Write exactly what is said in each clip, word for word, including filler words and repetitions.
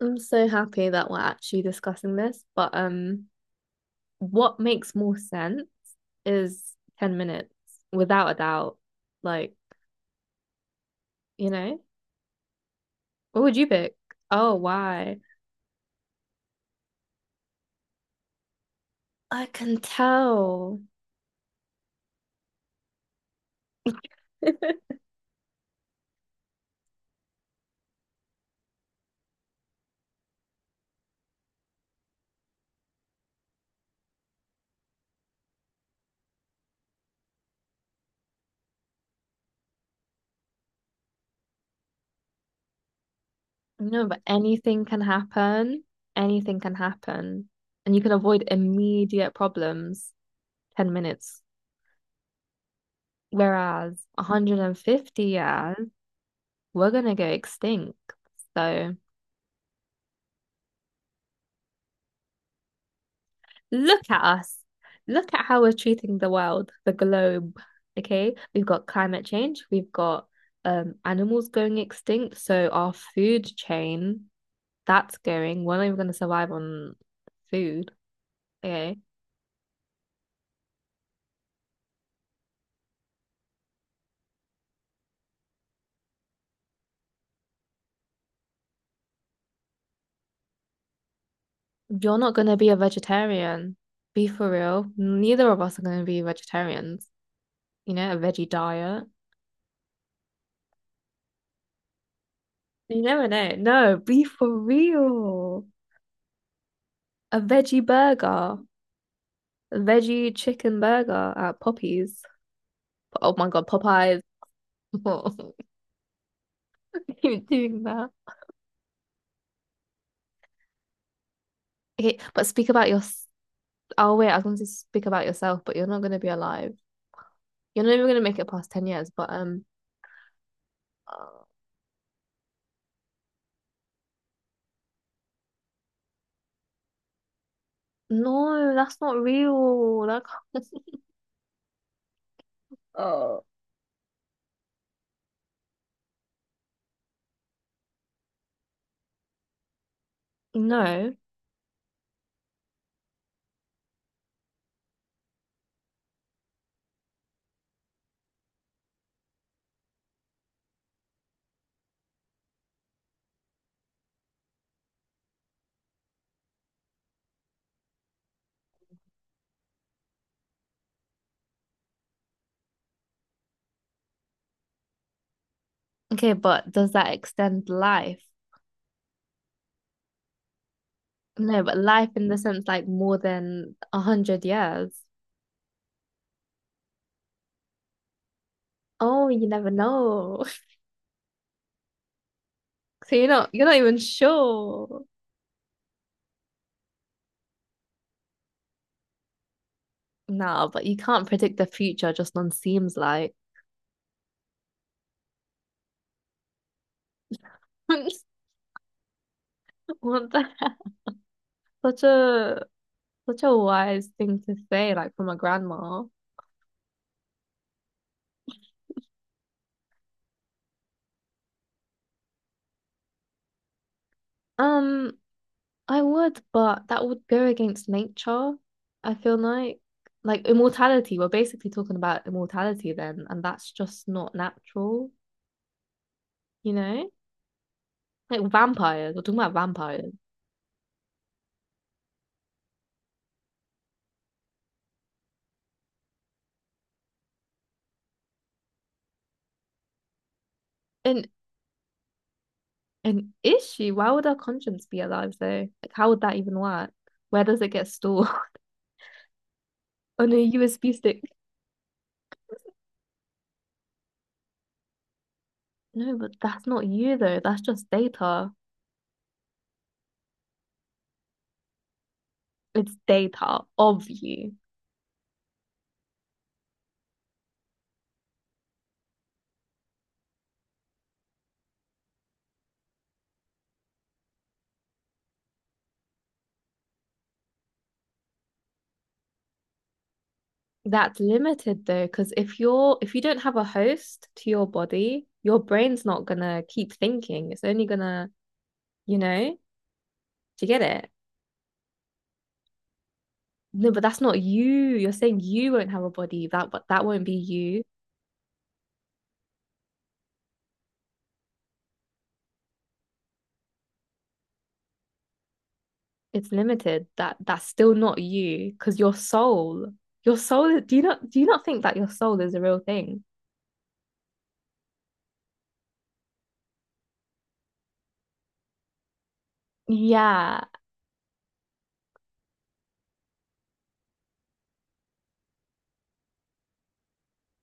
I'm so happy that we're actually discussing this, but um, what makes more sense is ten minutes without a doubt. Like, you know, what would you pick? Oh, why? I can tell. No, but anything can happen. Anything can happen. And you can avoid immediate problems ten minutes. Whereas one hundred fifty years, we're gonna go extinct. So look at us. Look at how we're treating the world, the globe. Okay, we've got climate change, we've got um animals going extinct, so our food chain that's going. We're not even going to survive on food. Okay, you're not going to be a vegetarian. Be for real. Neither of us are going to be vegetarians. You know, a veggie diet. You never know. No, be for real. A veggie burger, a veggie chicken burger at Poppy's. Oh my God, Popeyes. Keep doing that. Okay, but speak about your. Oh wait, I was going to speak about yourself, but you're not going to be alive. You're not even going to make it past ten years. But um, uh, no, that's not real. That can't- Oh. No. Okay, but does that extend life? No, but life in the sense like more than a hundred years. Oh, you never know. So you're not you're not even sure. No, but you can't predict the future just on seems like. What the heck? Such a such a wise thing to say, like from a grandma. Um, I would, but that would go against nature. I feel like like immortality. We're basically talking about immortality then, and that's just not natural, you know? Like vampires. We're talking about vampires. An an issue. Why would our conscience be alive though? Like how would that even work? Where does it get stored? On a U S B stick. No, but that's not you though. That's just data. It's data of you. That's limited though, because if you're if you don't have a host to your body, your brain's not gonna keep thinking. It's only gonna, you know, do you get it? No, but that's not you. You're saying you won't have a body. That but that won't be you. It's limited. That that's still not you, because your soul, your soul. Do you not do you not think that your soul is a real thing? Yeah,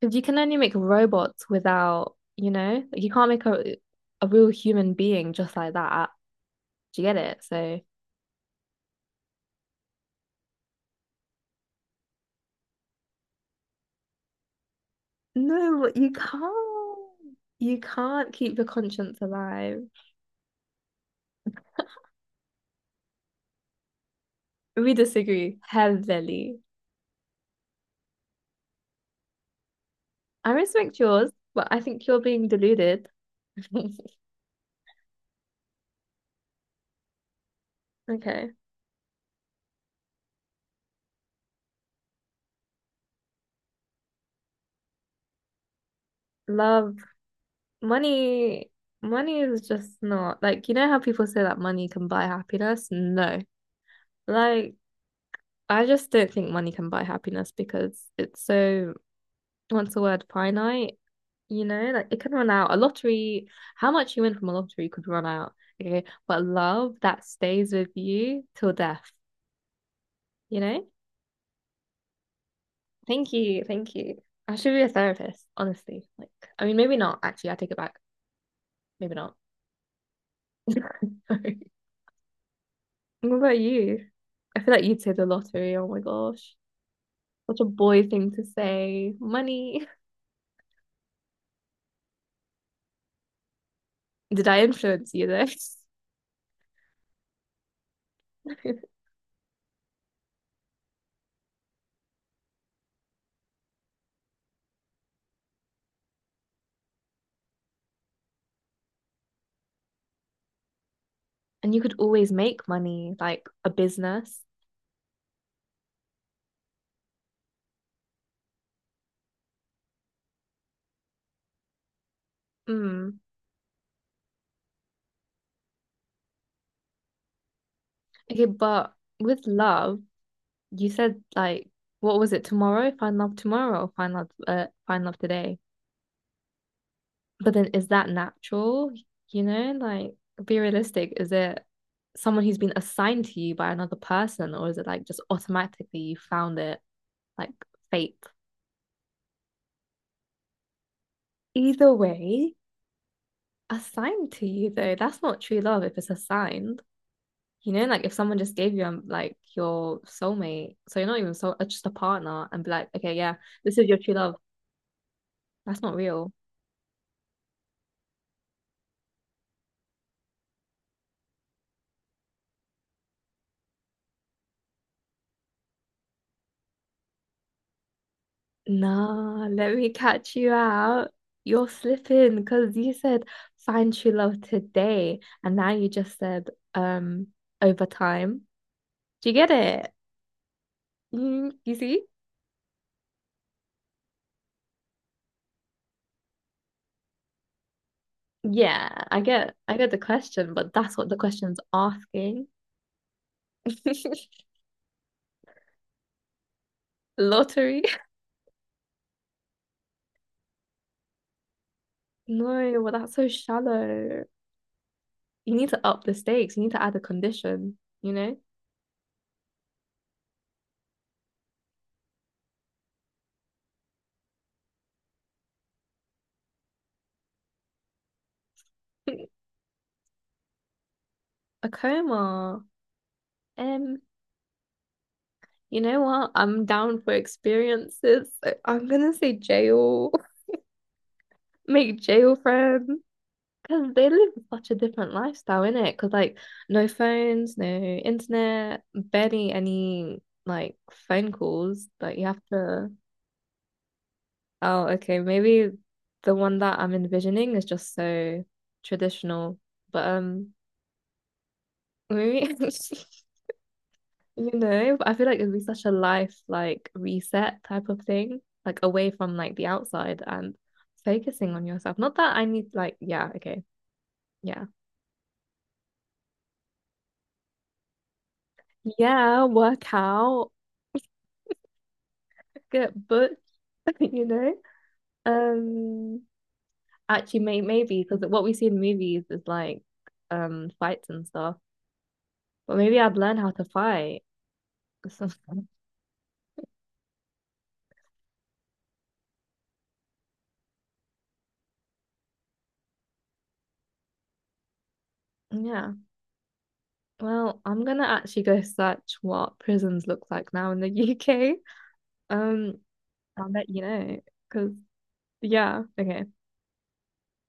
because you can only make robots without, you know, like you can't make a a real human being just like that. Do you get it? So no, but you can't. You can't keep your conscience alive. We disagree heavily. I respect yours, but I think you're being deluded. Okay. Love, money, money is just not like you know how people say that money can buy happiness? No. Like I just don't think money can buy happiness because it's so what's the word, finite, you know, like it can run out. A lottery, how much you win from a lottery could run out. Okay. But love that stays with you till death, you know? Thank you. Thank you. I should be a therapist, honestly. Like, I mean, maybe not. Actually, I take it back. Maybe not. Sorry. What about you? I feel like you'd say the lottery. Oh my gosh. Such a boy thing to say. Money. Did I influence you though? And you could always make money, like a business. Mm. Okay, but with love, you said like, what was it tomorrow? Find love tomorrow, find love, uh, find love today. But then is that natural? You know, like be realistic. Is it someone who's been assigned to you by another person, or is it like just automatically you found it like fate. Either way, assigned to you though, that's not true love if it's assigned. You know, like if someone just gave you um, like your soulmate, so you're not even so uh, just a partner, and be like, okay, yeah, this is your true love. That's not real. Nah, let me catch you out. You're slipping because you said find true love today, and now you just said um over time. Do you get it? Mm, you see? Yeah, I get I get the question, but that's what the question's asking. Lottery? No, well that's so shallow. You need to up the stakes. You need to add a condition, you know? A coma. Um, you know what? I'm down for experiences. I- I'm gonna say jail. Make jail friends. Because they live such a different lifestyle, innit? Because like no phones, no internet, barely any like phone calls. Like you have to oh, okay. Maybe the one that I'm envisioning is just so traditional. But um maybe you know, I feel like it'd be such a life like reset type of thing, like away from like the outside and focusing on yourself. Not that I need like yeah, okay. Yeah. Yeah, work out, get booked, you know. Um actually may maybe because what we see in movies is like um fights and stuff. But maybe I'd learn how to fight. Yeah. Well, I'm gonna actually go search what prisons look like now in the U K. Um, I'll let you know. Because, yeah, okay.